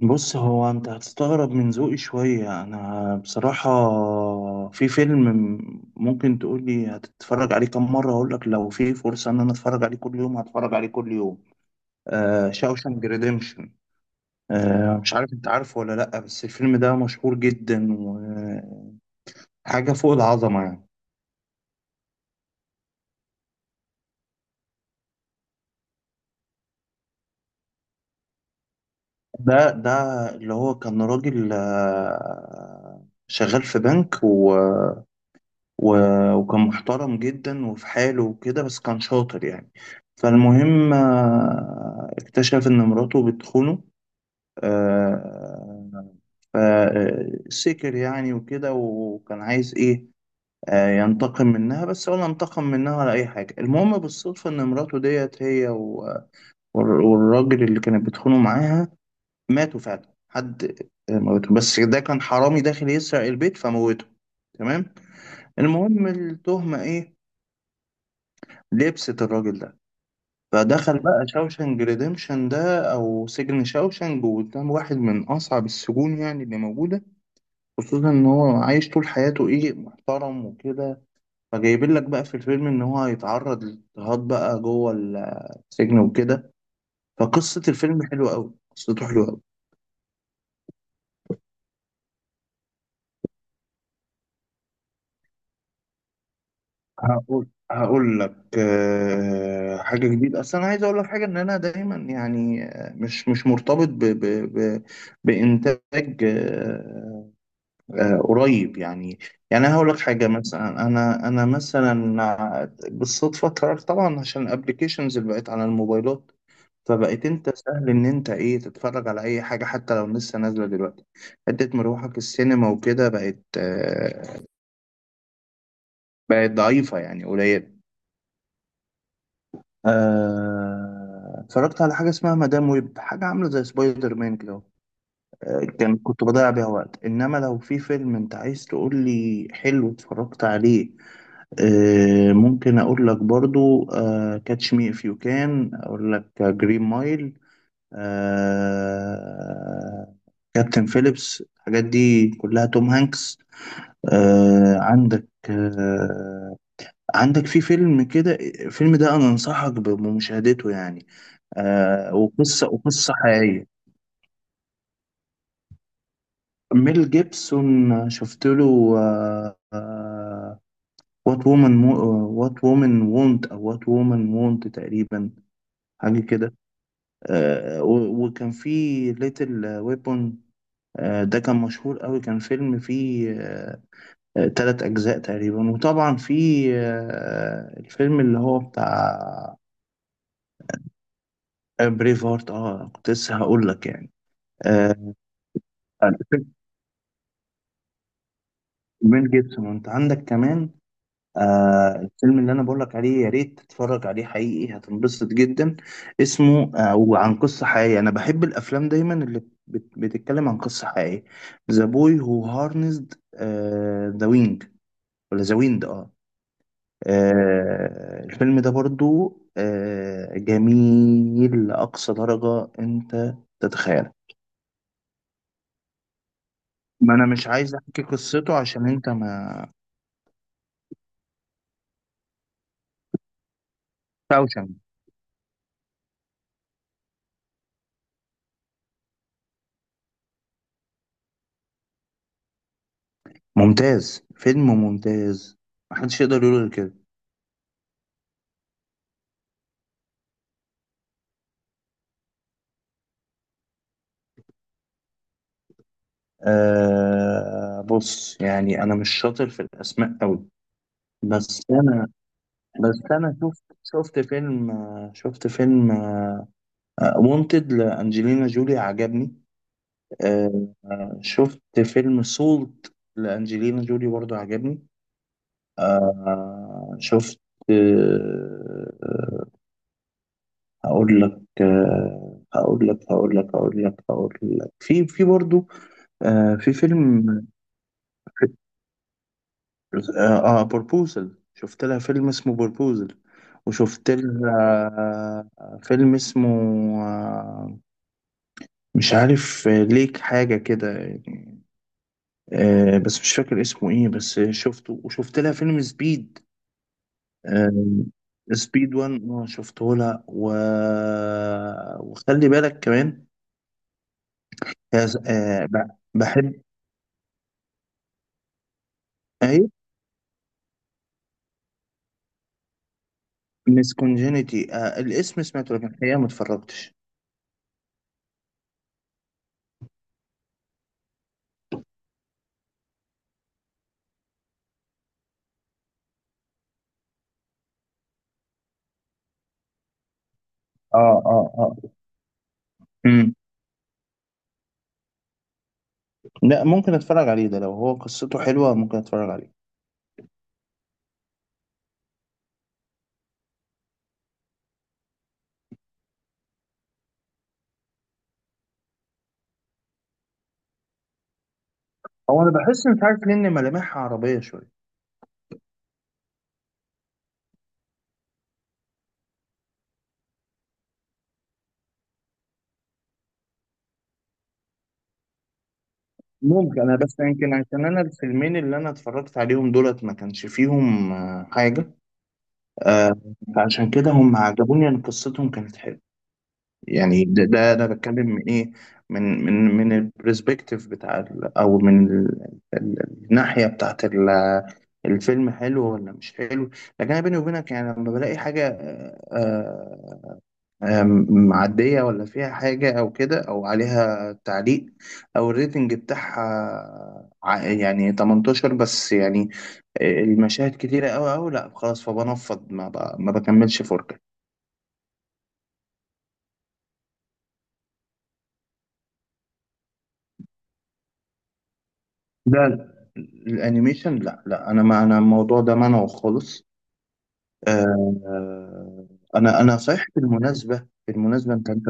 بص، هو انت هتستغرب من ذوقي شوية. انا بصراحة في فيلم ممكن تقولي هتتفرج عليه كم مرة، هقولك لو في فرصة ان انا اتفرج عليه كل يوم هتفرج عليه كل يوم. آه، شاوشانك ريديمشن. مش عارف انت عارفه ولا لأ، بس الفيلم ده مشهور جدا وحاجة فوق العظمة يعني. ده اللي هو كان راجل، شغال في بنك و- وكان محترم جدا وفي حاله وكده، بس كان شاطر يعني. فالمهم، اكتشف إن مراته بتخونه. آه، فسكر يعني وكده، وكان عايز إيه، ينتقم منها. بس ولا انتقم منها ولا أي حاجة، المهم بالصدفة إن مراته ديت هي و- والر- والراجل اللي كانت بتخونه معاها ماتوا فعلا. حد موته، بس ده كان حرامي داخل يسرق البيت فموته. تمام. المهم التهمة إيه، لبست الراجل ده. فدخل بقى شاوشنج ريديمشن ده او سجن شاوشنج، وقدام واحد من اصعب السجون يعني اللي موجوده، خصوصا ان هو عايش طول حياته ايه، محترم وكده. فجايبين لك بقى في الفيلم ان هو هيتعرض لاضطهاد بقى جوه السجن وكده. فقصه الفيلم حلوه قوي، قصته حلوه قوي. هقول لك حاجه جديده. اصل انا عايز اقول لك حاجه، ان انا دايما يعني، مش مرتبط ب بانتاج قريب يعني. يعني أنا هقول لك حاجة مثلا، أنا مثلا بالصدفة قررت طبعا عشان الأبليكيشنز اللي بقت على الموبايلات. فبقيت أنت سهل إن أنت إيه، تتفرج على أي حاجة حتى لو لسه نازلة دلوقتي. حتة مروحك السينما وكده بقت، بقت ضعيفة يعني قليلة. اتفرجت على حاجة اسمها مدام ويب، حاجة عاملة زي سبايدر مان كده. كنت بضيع بيها وقت. إنما لو في فيلم أنت عايز تقول لي حلو اتفرجت عليه، ممكن اقول لك برضو كاتش مي اف يو كان، اقول لك جرين مايل، كابتن فيليبس، الحاجات دي كلها توم هانكس. عندك، عندك في فيلم كده، الفيلم ده انا انصحك بمشاهدته يعني. وقصة وقصة حقيقية. ميل جيبسون شفت له وات وومن، وات وومن وونت او وات وومن وونت تقريبا، حاجة كده. آه، و- وكان في ليتل ويبون. ده كان مشهور قوي، كان فيلم فيه تلات أجزاء تقريبا. وطبعا في الفيلم اللي هو بتاع بريف هارت. اه، كنت لسه هقول لك يعني. آه، فيلم ميل جيبسون انت عندك كمان. آه، الفيلم اللي انا بقولك عليه يا ريت تتفرج عليه، حقيقي هتنبسط جدا. اسمه، آه، وعن قصة حقيقية. انا بحب الافلام دايما اللي بتتكلم عن قصة حقيقية. ذا بوي هو هارنسد ذا وينج، ولا ذا ويند، اه. آه، الفيلم ده برضو آه جميل لأقصى درجة انت تتخيلها. ما انا مش عايز احكي قصته عشان انت ما. شاوشنج ممتاز، فيلم ممتاز محدش يقدر يقول غير كده. آه، بص يعني انا مش شاطر في الاسماء قوي، بس انا شفت فيلم، شفت فيلم وونتد لانجلينا جولي عجبني. شفت فيلم سولت لانجلينا جولي برضو عجبني. شفت، آه، هقول لك، آه هقول لك هقول لك هقول لك هقول لك في برضو آه، في فيلم. اه، بروبوزل، شفت لها فيلم اسمه بروبوزل. وشفت لها فيلم اسمه، آه، مش عارف، ليك حاجة كده يعني. بس مش فاكر اسمه ايه، بس شفته. وشفت لها فيلم سبيد. آه، سبيد 1 اه، شفته لها. و... وخلي بالك كمان هز- آه، ب- بحب ايه، ميس كونجينيتي. الاسم سمعته، لكن الحقيقة ما اتفرجتش. اه اه اه. مم. لا، ممكن اتفرج عليه ده، لو هو قصته حلوه ممكن اتفرج عليه. هو انا بحس مش عارف ليه ان ملامحها عربيه شويه. ممكن انا بس، يمكن عشان انا الفيلمين اللي انا اتفرجت عليهم دولت ما كانش فيهم، حاجه، آه، فعشان كده هم عجبوني، ان قصتهم كانت حلوه يعني. ده انا بتكلم من ايه، من البرسبكتيف بتاع او من الناحيه بتاعت ال-، الفيلم حلو ولا مش حلو. لكن انا بيني وبينك يعني لما بلاقي حاجه، آه، آه، آم، معدية، ولا فيها حاجة أو كده، أو عليها تعليق، أو الريتنج بتاعها ع- يعني 18 بس يعني، المشاهد كتيرة أوي أوي، لأ خلاص، فبنفض. ما بكملش. 4K. لا، الأنيميشن لأ لأ، أنا ما، أنا الموضوع ده منعه خالص. آه، أنا أنا صحيح، بالمناسبة بالمناسبة، أنت أنت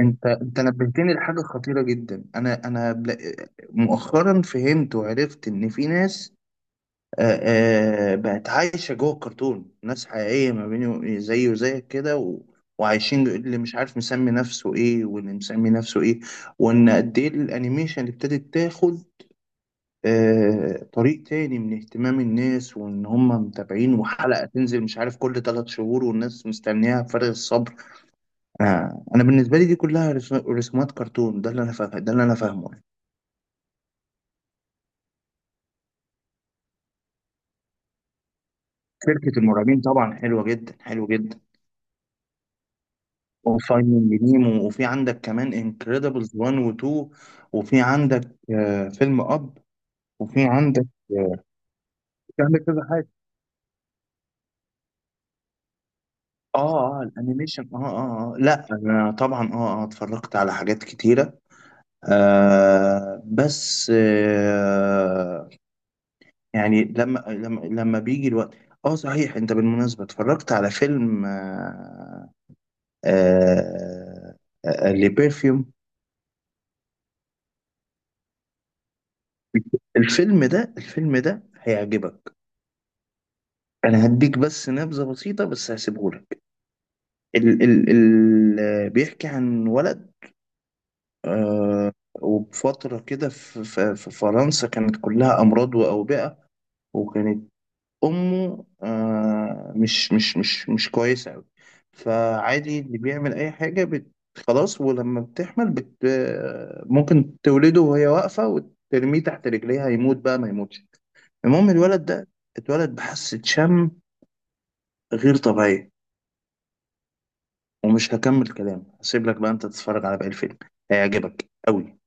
أنت أنت نبهتني لحاجة خطيرة جدا. أنا بلا-، مؤخرا فهمت وعرفت إن في ناس بقت عايشة جوه الكرتون. ناس حقيقية ما بيني زيه وزيك كده، و... وعايشين، اللي مش عارف مسمي نفسه ايه، واللي مسمي نفسه ايه. وان قد ايه الانيميشن اللي ابتدت تاخد آه طريق تاني من اهتمام الناس، وان هم متابعين وحلقة تنزل مش عارف كل 3 شهور والناس مستنياها بفارغ الصبر. انا بالنسبة لي دي كلها رسومات كرتون، ده اللي انا فاهم ده اللي انا فاهمه. شركة المرعبين طبعا حلوة جدا حلوة جدا، وفايندينج نيمو. وفي عندك كمان انكريدبلز 1 و 2. وفي عندك فيلم اب. وفي عندك، في عندك كذا حاجه. اه اه، الانيميشن اه اه اه، لا انا طبعا اه اه اتفرجت على حاجات كتيره. آه بس آه، يعني لما بيجي الوقت. اه صحيح، انت بالمناسبه اتفرجت على فيلم، آه لبيرفيوم؟ الفيلم ده الفيلم ده هيعجبك. انا هديك بس نبذه بسيطه، بس هسيبهولك. ال ال ال بيحكي عن ولد، آه، وبفتره كده في فرنسا كانت كلها امراض واوبئه. وكانت امه آه مش كويسه قوي. فعادي اللي بيعمل اي حاجه بت، خلاص. ولما بتحمل بت، ممكن تولده وهي واقفه وترميه تحت رجليها يموت بقى ما يموتش. المهم الولد ده اتولد بحاسه شم غير طبيعيه. ومش هكمل كلام هسيب لك بقى انت تتفرج على باقي الفيلم، هيعجبك قوي.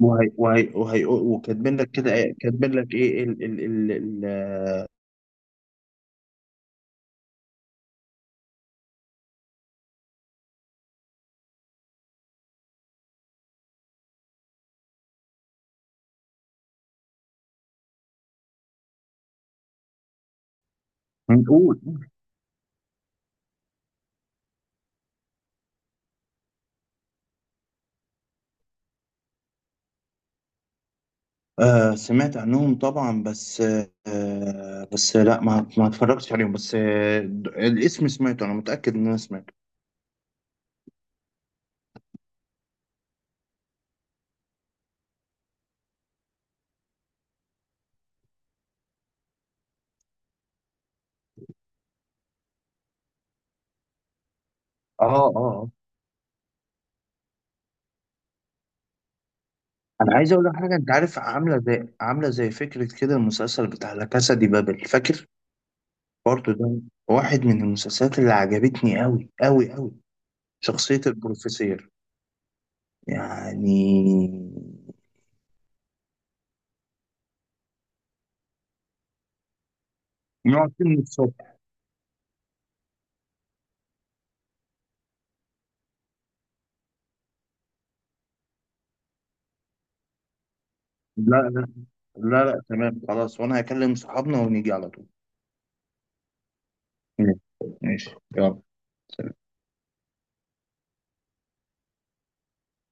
وهي وكاتبين لك كده ايه-، كاتبين لك ايه ال ال ال ال نقول. آه سمعت عنهم طبعا، بس آه، بس لا، ما اتفرجتش عليهم بس. آه، الاسم سمعته، انا متأكد ان انا سمعته. اه اه اه. انا عايز اقول لك حاجه، انت عارف عامله زي، عامله زي فكره كده، المسلسل بتاع لا كاسا دي بابل فاكر؟ برضه ده واحد من المسلسلات اللي عجبتني قوي قوي قوي، شخصيه البروفيسور يعني. نقعد من الصبح، لا لا لا، لا تمام خلاص، وانا هكلم صحابنا ونيجي على طول. ماشي. ماشي. يلا.